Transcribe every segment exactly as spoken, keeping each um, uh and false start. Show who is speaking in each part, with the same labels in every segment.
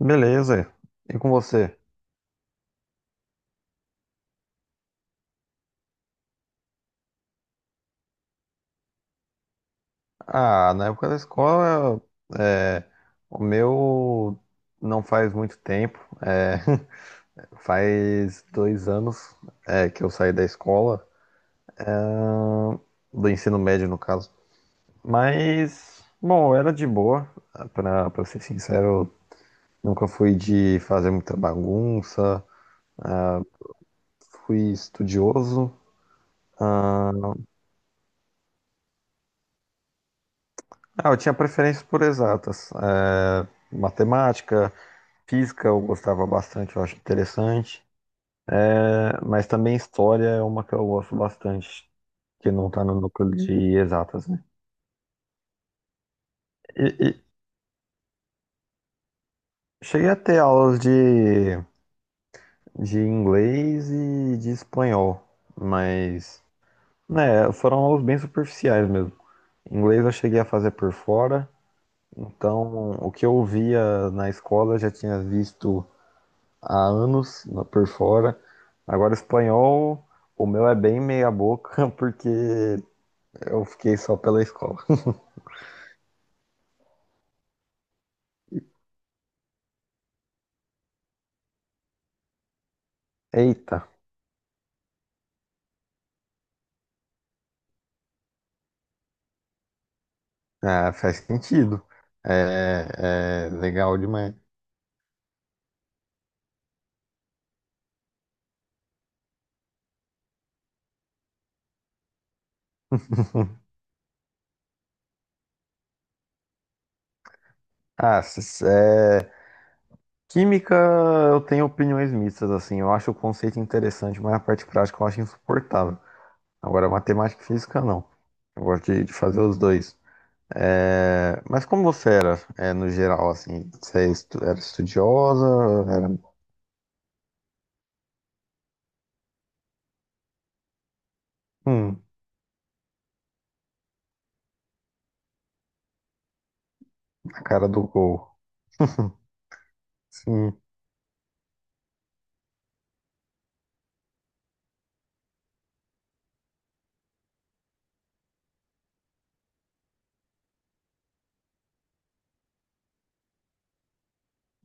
Speaker 1: Beleza. E com você? Ah, na época da escola, é, o meu não faz muito tempo. É, faz dois anos, é, que eu saí da escola, do ensino médio, no caso. Mas, bom, era de boa, pra, pra ser sincero, nunca fui de fazer muita bagunça, fui estudioso. Ah, eu tinha preferência por exatas. É, matemática, física eu gostava bastante, eu acho interessante. É, mas também história é uma que eu gosto bastante, que não tá no núcleo de exatas, né? E, e cheguei a ter aulas de, de inglês e de espanhol, mas, né, foram aulas bem superficiais mesmo. Inglês eu cheguei a fazer por fora, então o que eu via na escola eu já tinha visto há anos na- por fora. Agora espanhol, o meu é bem meia boca, porque eu fiquei só pela escola. Eita! Ah, faz sentido. É, é legal demais. Ah, s- é, química eu tenho opiniões mistas, assim. Eu acho o conceito interessante, mas a parte prática eu acho insuportável. Agora, matemática e física, não. Eu gosto de, de fazer os dois. É, mas como você era, é, no geral, assim? Você é estu- era estudiosa? Era, hum, a cara do gol. Sim,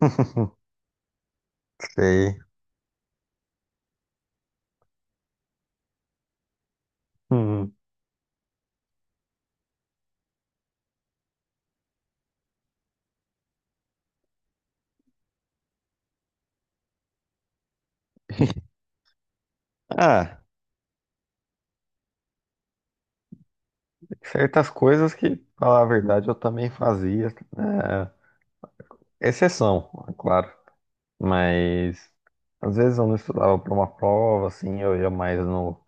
Speaker 1: sei. Hum. Ah. Certas coisas que, pra falar a verdade, eu também fazia, né? Exceção, é claro. Mas às vezes eu não estudava para uma prova, assim, eu ia mais no.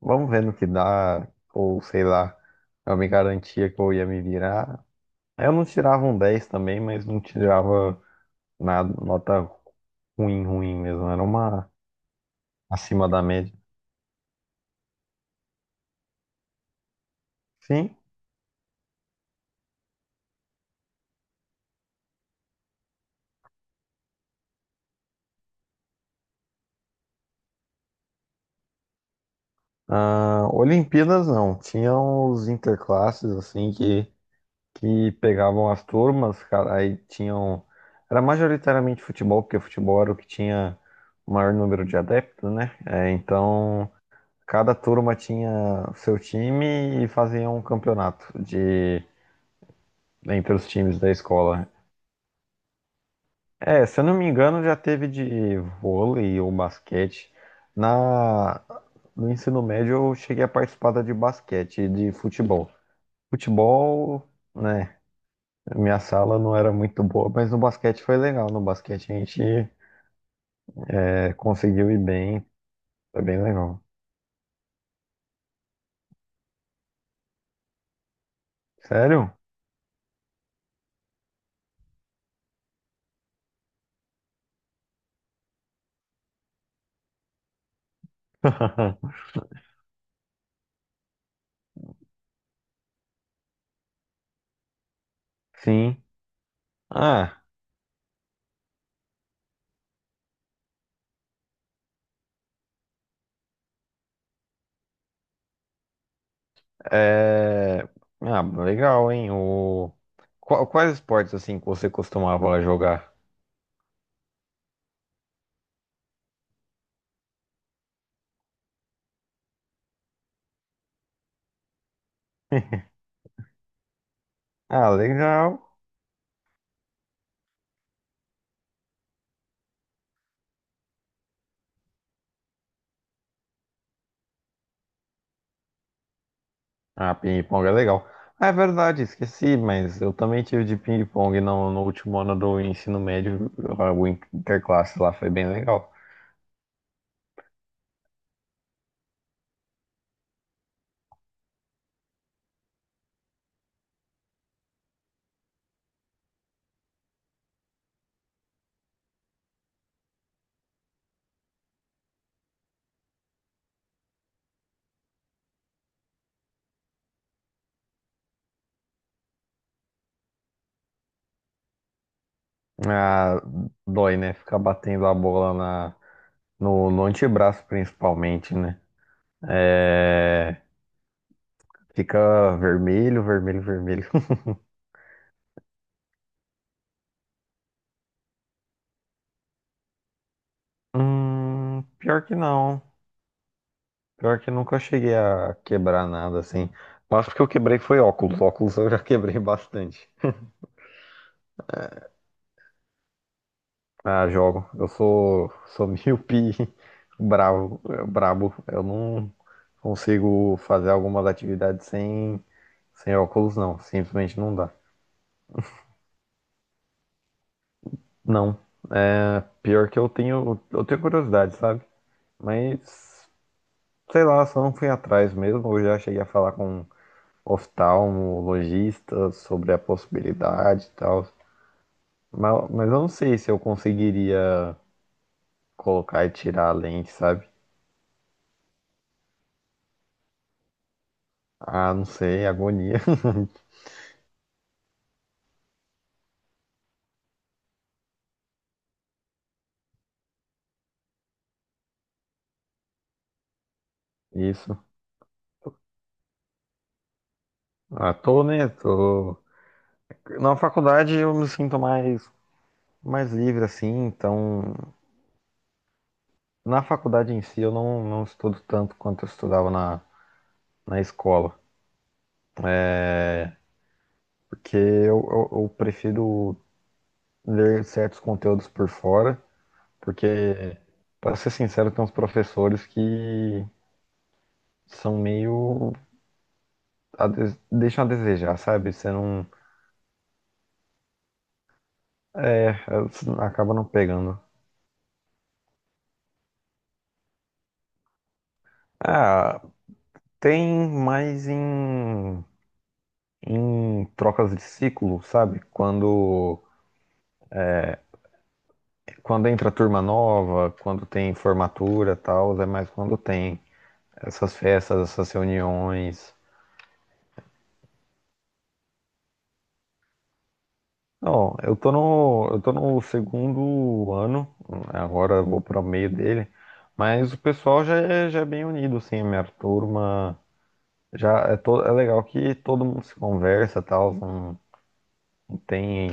Speaker 1: Vamos ver no que dá, ou sei lá, eu me garantia que eu ia me virar. Eu não tirava um dez também, mas não tirava nada, nota ruim, ruim mesmo. Era uma acima da média. Sim. Ah, Olimpíadas não. Tinha os interclasses, assim, que que pegavam as turmas, cara, aí tinham. Era majoritariamente futebol, porque futebol era o que tinha o maior número de adeptos, né? É, então, cada turma tinha o seu time e fazia um campeonato de entre os times da escola. É, se eu não me engano, já teve de vôlei ou basquete. Na... No ensino médio, eu cheguei a participar da de basquete e de futebol. Futebol. Né? Minha sala não era muito boa, mas no basquete foi legal. No basquete a gente é, conseguiu ir bem, foi bem legal. Sério? Sim. Ah, é... ah, legal, hein? O... Qua- Quais esportes assim que você costumava jogar? Ah, legal. Ah, ping-pong é legal. Ah, é verdade, esqueci, mas eu também tive de ping-pong no, no último ano do ensino médio, o interclasse lá, foi bem legal. Ah, dói, né? Ficar batendo a bola na, No, no antebraço, principalmente, né? É, fica vermelho, vermelho, vermelho. Hum, pior que não. Pior que nunca cheguei a quebrar nada assim. Mas porque eu quebrei foi óculos. Óculos eu já quebrei bastante. Ah, jogo. Eu sou, sou míope bravo, brabo. Eu não consigo fazer algumas atividades sem, sem óculos, não. Simplesmente não dá. Não. É, pior que eu tenho, eu tenho curiosidade, sabe? Mas, sei lá, só não fui atrás mesmo. Eu já cheguei a falar com oftalmologista sobre a possibilidade e tal. Mas, mas eu não sei se eu conseguiria colocar e tirar a lente, sabe? Ah, não sei, agonia. Isso. Ah, tô, né? Tô... Na faculdade eu me sinto mais, mais livre, assim. Então, na faculdade em si eu não, não estudo tanto quanto eu estudava na, na escola. Porque eu, eu, eu prefiro ver certos conteúdos por fora, porque, para ser sincero, tem uns professores que são meio. a des- deixam a desejar, sabe? Você não. Você acaba não pegando. Ah, tem mais em. em trocas de ciclo, sabe? Quando. quando entra turma nova, quando tem formatura tal, é mais quando tem essas festas, essas reuniões. Não, eu tô no, eu tô no segundo ano, agora eu vou para o meio dele, mas o pessoal já é, já é bem unido, assim, a minha turma já é, to, é legal que todo mundo se conversa, tal, não, não tem.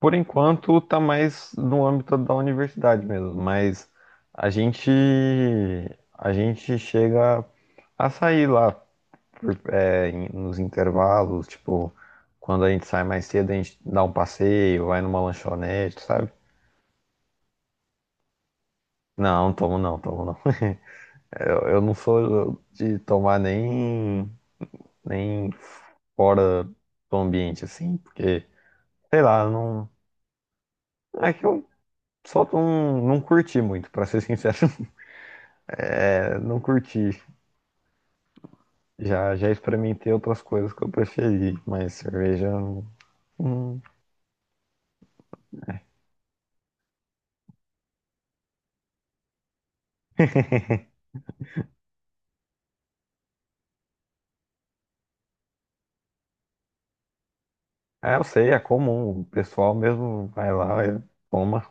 Speaker 1: Por enquanto tá mais no âmbito da universidade mesmo, mas a gente, a gente chega a sair lá, por- é, em- nos intervalos, tipo, quando a gente sai mais cedo, a gente dá um passeio, vai numa lanchonete, sabe? Não, tomo não, tomo não. Eu, eu não sou de tomar nem, nem fora do ambiente, assim, porque, sei lá, não. É que eu só não, não curti muito, pra ser sincero. É, não curti. Já, já experimentei outras coisas que eu preferi, mas cerveja. Hum, é, eu sei, é comum. O pessoal mesmo vai lá, e toma.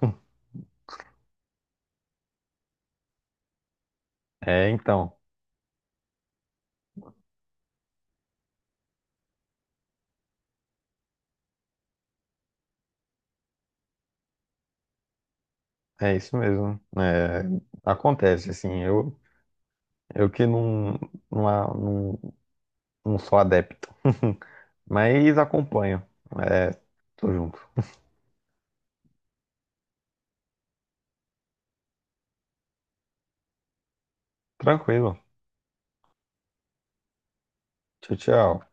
Speaker 1: É, então, é isso mesmo. É, acontece, assim, eu, eu que não, não, a- não, não sou adepto, mas acompanho. É, tô junto. Tranquilo. Tchau, tchau.